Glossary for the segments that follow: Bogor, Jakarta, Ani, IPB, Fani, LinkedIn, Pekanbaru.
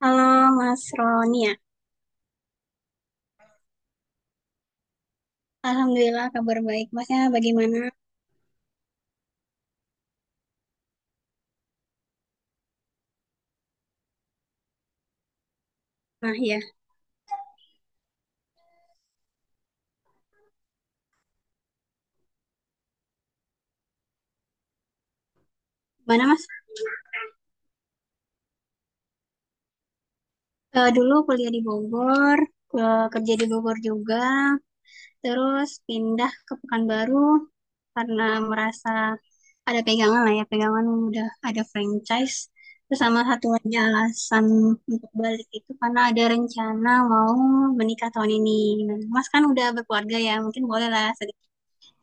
Halo Mas Ronia, alhamdulillah kabar baik. Masnya bagaimana? Nah ya, mana Mas? Dulu kuliah di Bogor, kerja di Bogor juga, terus pindah ke Pekanbaru karena merasa ada pegangan lah ya, pegangan udah ada franchise. Terus sama satu lagi alasan untuk balik itu karena ada rencana mau menikah tahun ini. Nah, Mas kan udah berkeluarga ya, mungkin boleh lah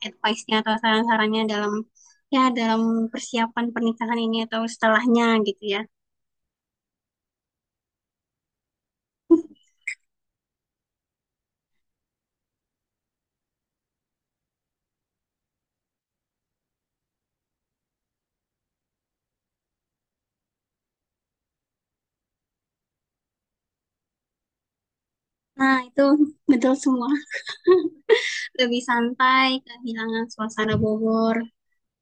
advice-nya atau saran-sarannya dalam dalam persiapan pernikahan ini atau setelahnya gitu ya. Nah, itu betul semua. Lebih santai, kehilangan suasana Bogor,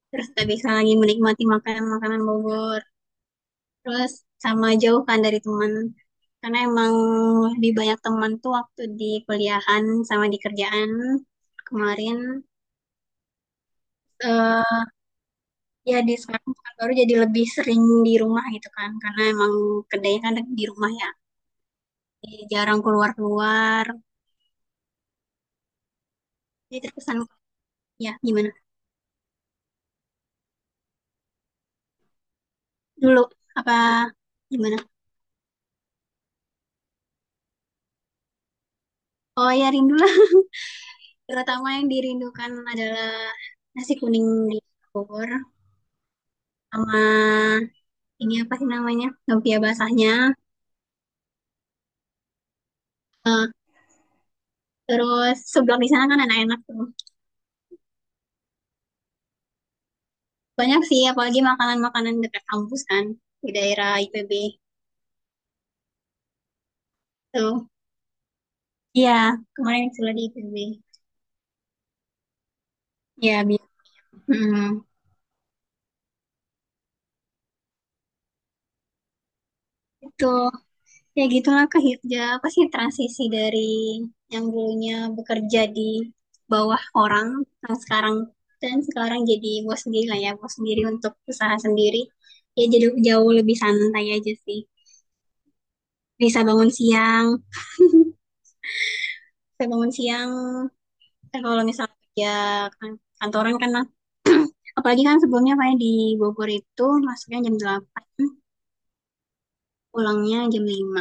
terus gak bisa lagi menikmati makanan-makanan Bogor, terus sama jauhkan dari teman. Karena emang lebih banyak teman tuh waktu di kuliahan sama di kerjaan kemarin. eh Ya di sekarang baru jadi lebih sering di rumah gitu kan, karena emang kedai kan di rumah ya. Jarang keluar-keluar. Jadi terkesan ya gimana? Dulu apa gimana? Oh ya rindulah. Terutama yang dirindukan adalah nasi kuning di Bogor sama ini apa sih namanya? Lumpia basahnya. Eh, Terus seblak di sana kan enak-enak tuh. Banyak sih apalagi makanan-makanan dekat kampus kan di daerah IPB. Tuh. Iya, kemarin sudah di IPB. ya bi- Mm, itu. Ya gitulah kerja apa sih transisi dari yang dulunya bekerja di bawah orang yang sekarang dan sekarang jadi bos sendiri lah ya bos sendiri untuk usaha sendiri, ya jadi jauh lebih santai aja sih, bisa bangun siang, bisa bangun siang. Kalau misalnya kerja kantoran kan, nah, apalagi kan sebelumnya kayak di Bogor itu masuknya jam 8, pulangnya jam 5.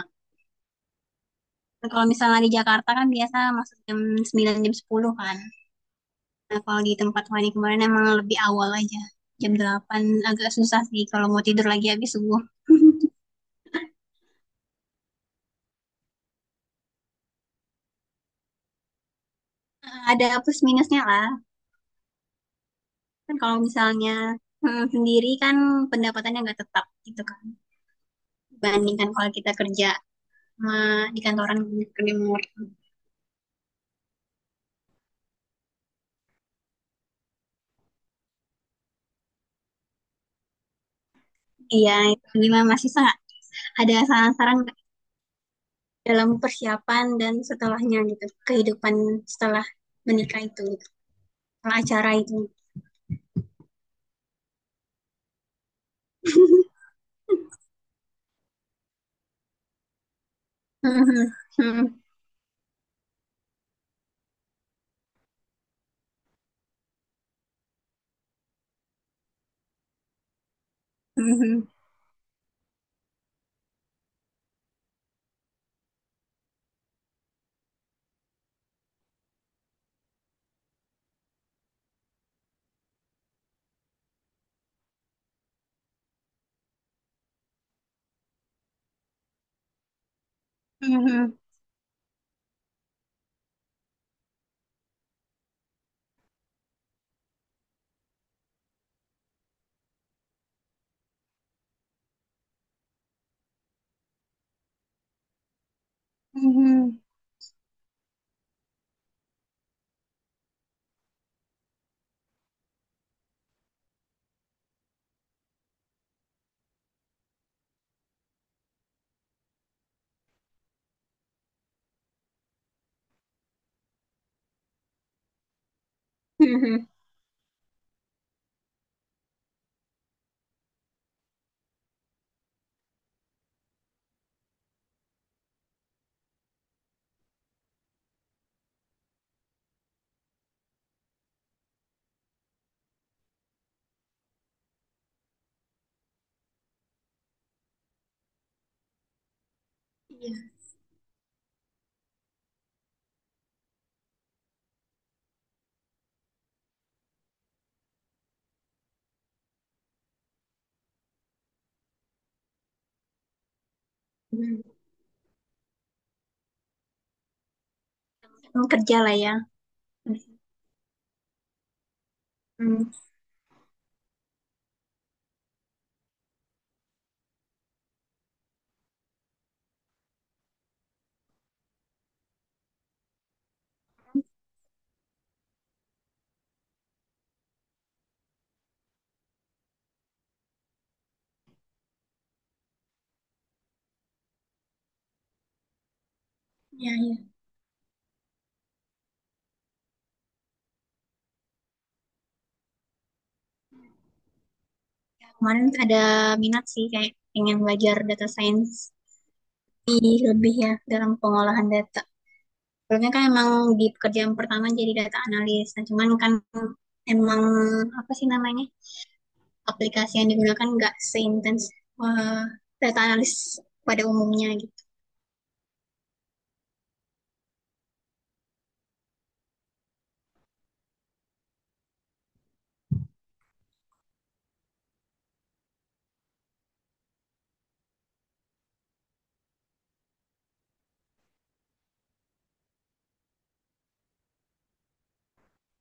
Nah, kalau misalnya di Jakarta kan biasa masuk jam 9, jam 10 kan. Nah, kalau di tempat Fani kemarin emang lebih awal aja. Jam 8 agak susah sih kalau mau tidur lagi habis subuh. Ada plus minusnya lah. Kan kalau misalnya sendiri kan pendapatannya nggak tetap gitu kan. Dibandingkan kalau kita kerja sama di kantoran, kerja remote. Iya, itu gimana masih ada saran-saran dalam persiapan dan setelahnya gitu. Kehidupan setelah menikah itu, gitu. Setelah acara itu. Mhm. Iya. Hmm. Emang kerja lah ya. Hmm. Ya, ya. Kemarin ada minat sih kayak pengen belajar data science lebih ya dalam pengolahan data. Soalnya kan emang di pekerjaan pertama jadi data analis. Nah, cuman kan emang apa sih namanya? Aplikasi yang digunakan nggak seintens eh, data analis pada umumnya gitu.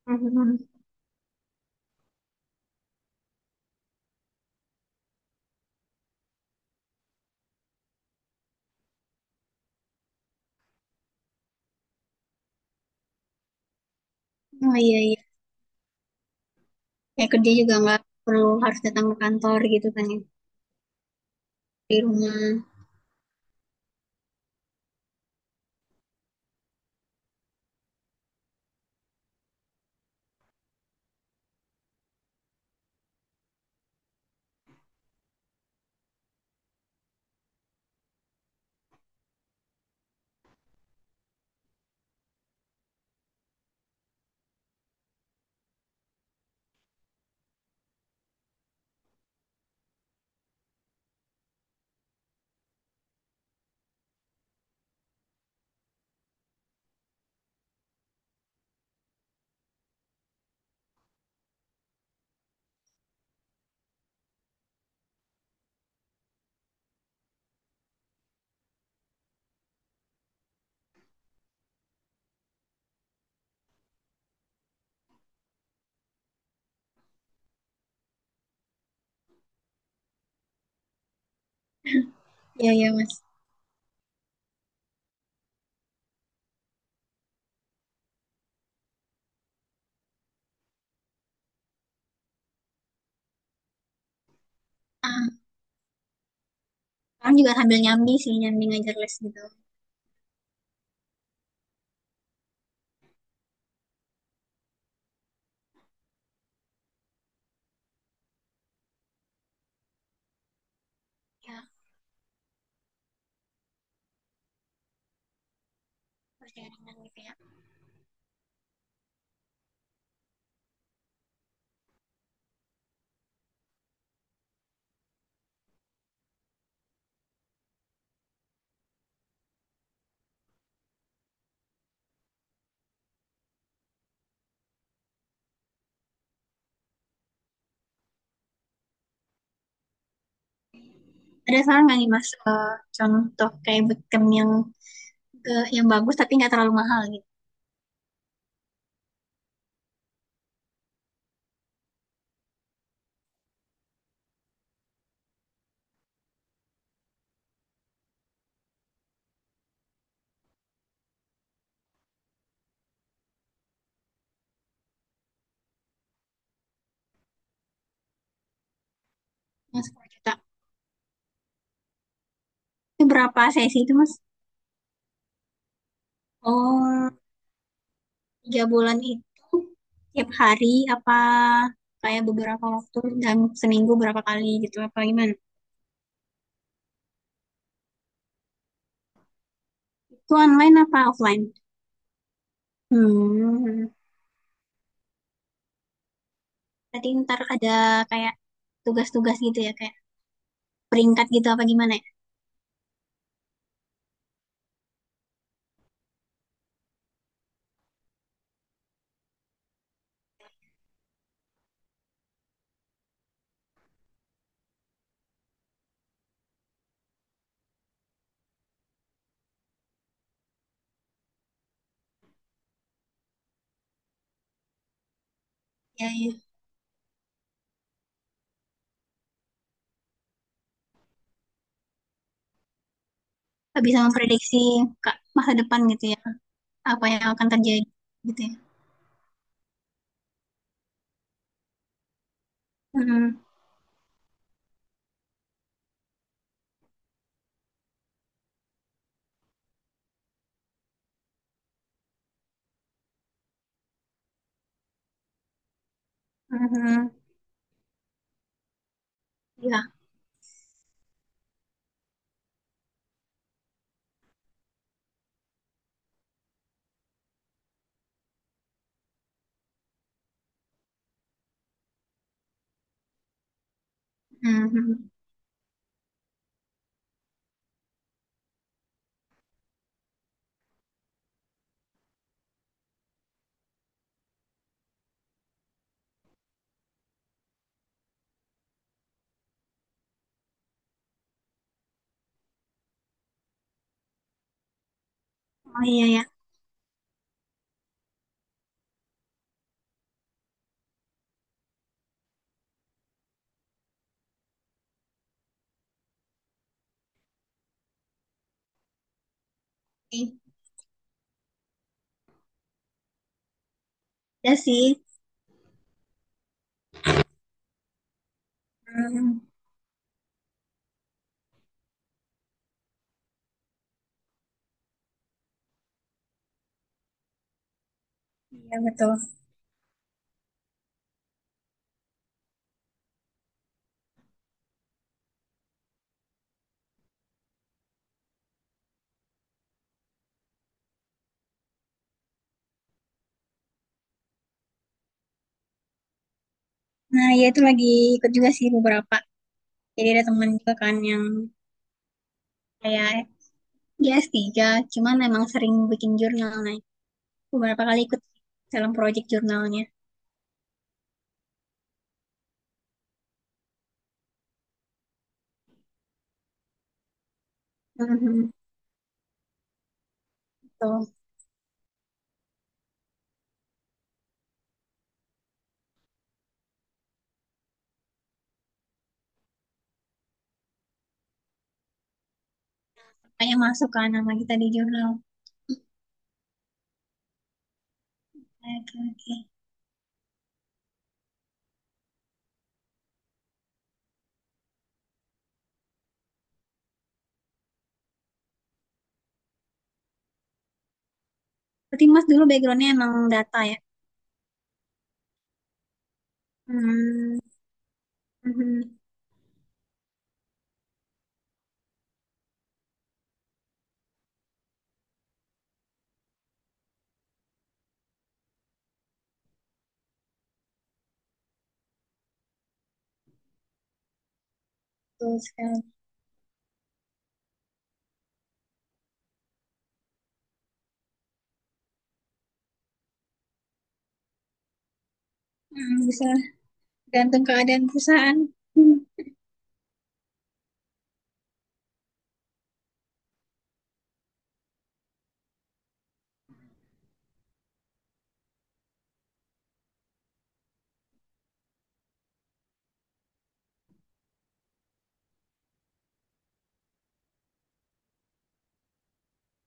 Mhm. Oh iya iya. Kayak kerja juga nggak perlu harus datang ke kantor gitu kan ya. Di rumah. Iya iya Mas. Ah, sekarang juga sambil nyambi sih, nyambi ngajar les gitu. Ya, perjalanan gitu ya. Ada saran nggak nih Mas, contoh kayak bootcamp yang yang bagus tapi nggak terlalu mahal gitu. Yang 10 juta. Itu berapa sesi itu Mas? Oh, tiga bulan itu tiap hari apa kayak beberapa waktu dan seminggu berapa kali gitu apa gimana? Itu online apa offline? Hmm. Berarti ntar ada kayak tugas-tugas gitu ya, kayak peringkat gitu apa gimana ya? Ya, ya. Nggak bisa memprediksi masa depan gitu ya, apa yang akan terjadi gitu ya. Mhm, mhm, ya mhm. Oh iya ya. Oke. Ya sih. Mhm, iya betul. Nah ya itu lagi ikut juga sih beberapa, jadi ada teman juga kan yang kayak dia S3 cuman emang sering bikin jurnal, nah beberapa kali ikut dalam proyek jurnalnya. Mhm, betul. Kayak masuk kan nama kita di jurnal. Oke oke. Berarti Mas dulu backgroundnya emang data ya. Hmm, mhm. Betul sekali. Hmm, bisa gantung keadaan perusahaan. Hmm.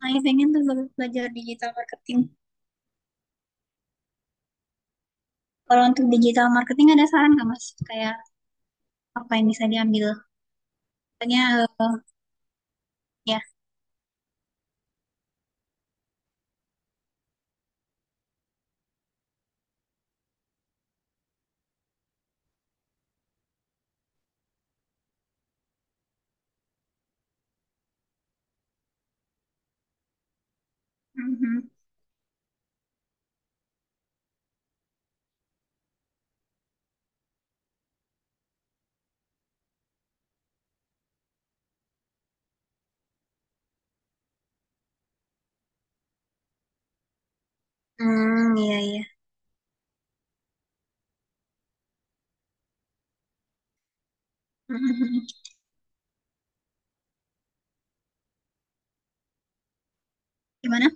Saya pengen tuh belajar digital marketing. Kalau untuk digital marketing ada saran nggak Mas? Kayak apa yang bisa diambil? Soalnya eh, ya. Mhm. Hmm, iya iya. Mhm. Gimana?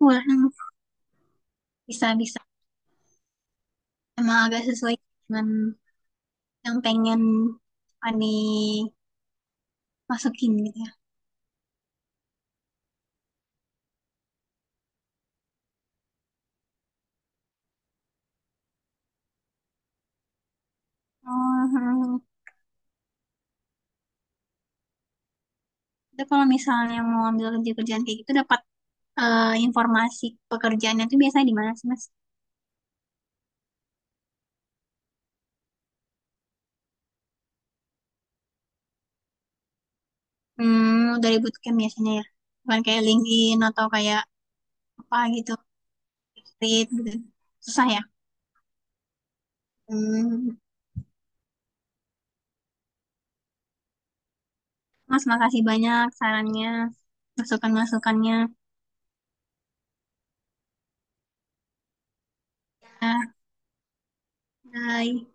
Wah, hmm, bisa bisa. Emang agak sesuai dengan yang pengen Ani masukin gitu ya. Mhm. Itu kalau misalnya mau ambil kerja-kerjaan kayak gitu dapat informasi pekerjaannya tuh biasanya di mana sih Mas? Hmm, dari bootcamp biasanya ya. Bukan kayak LinkedIn atau kayak apa gitu, Read gitu. Susah ya. Hmm. Mas, makasih banyak sarannya, masukan-masukannya. Ya, bye.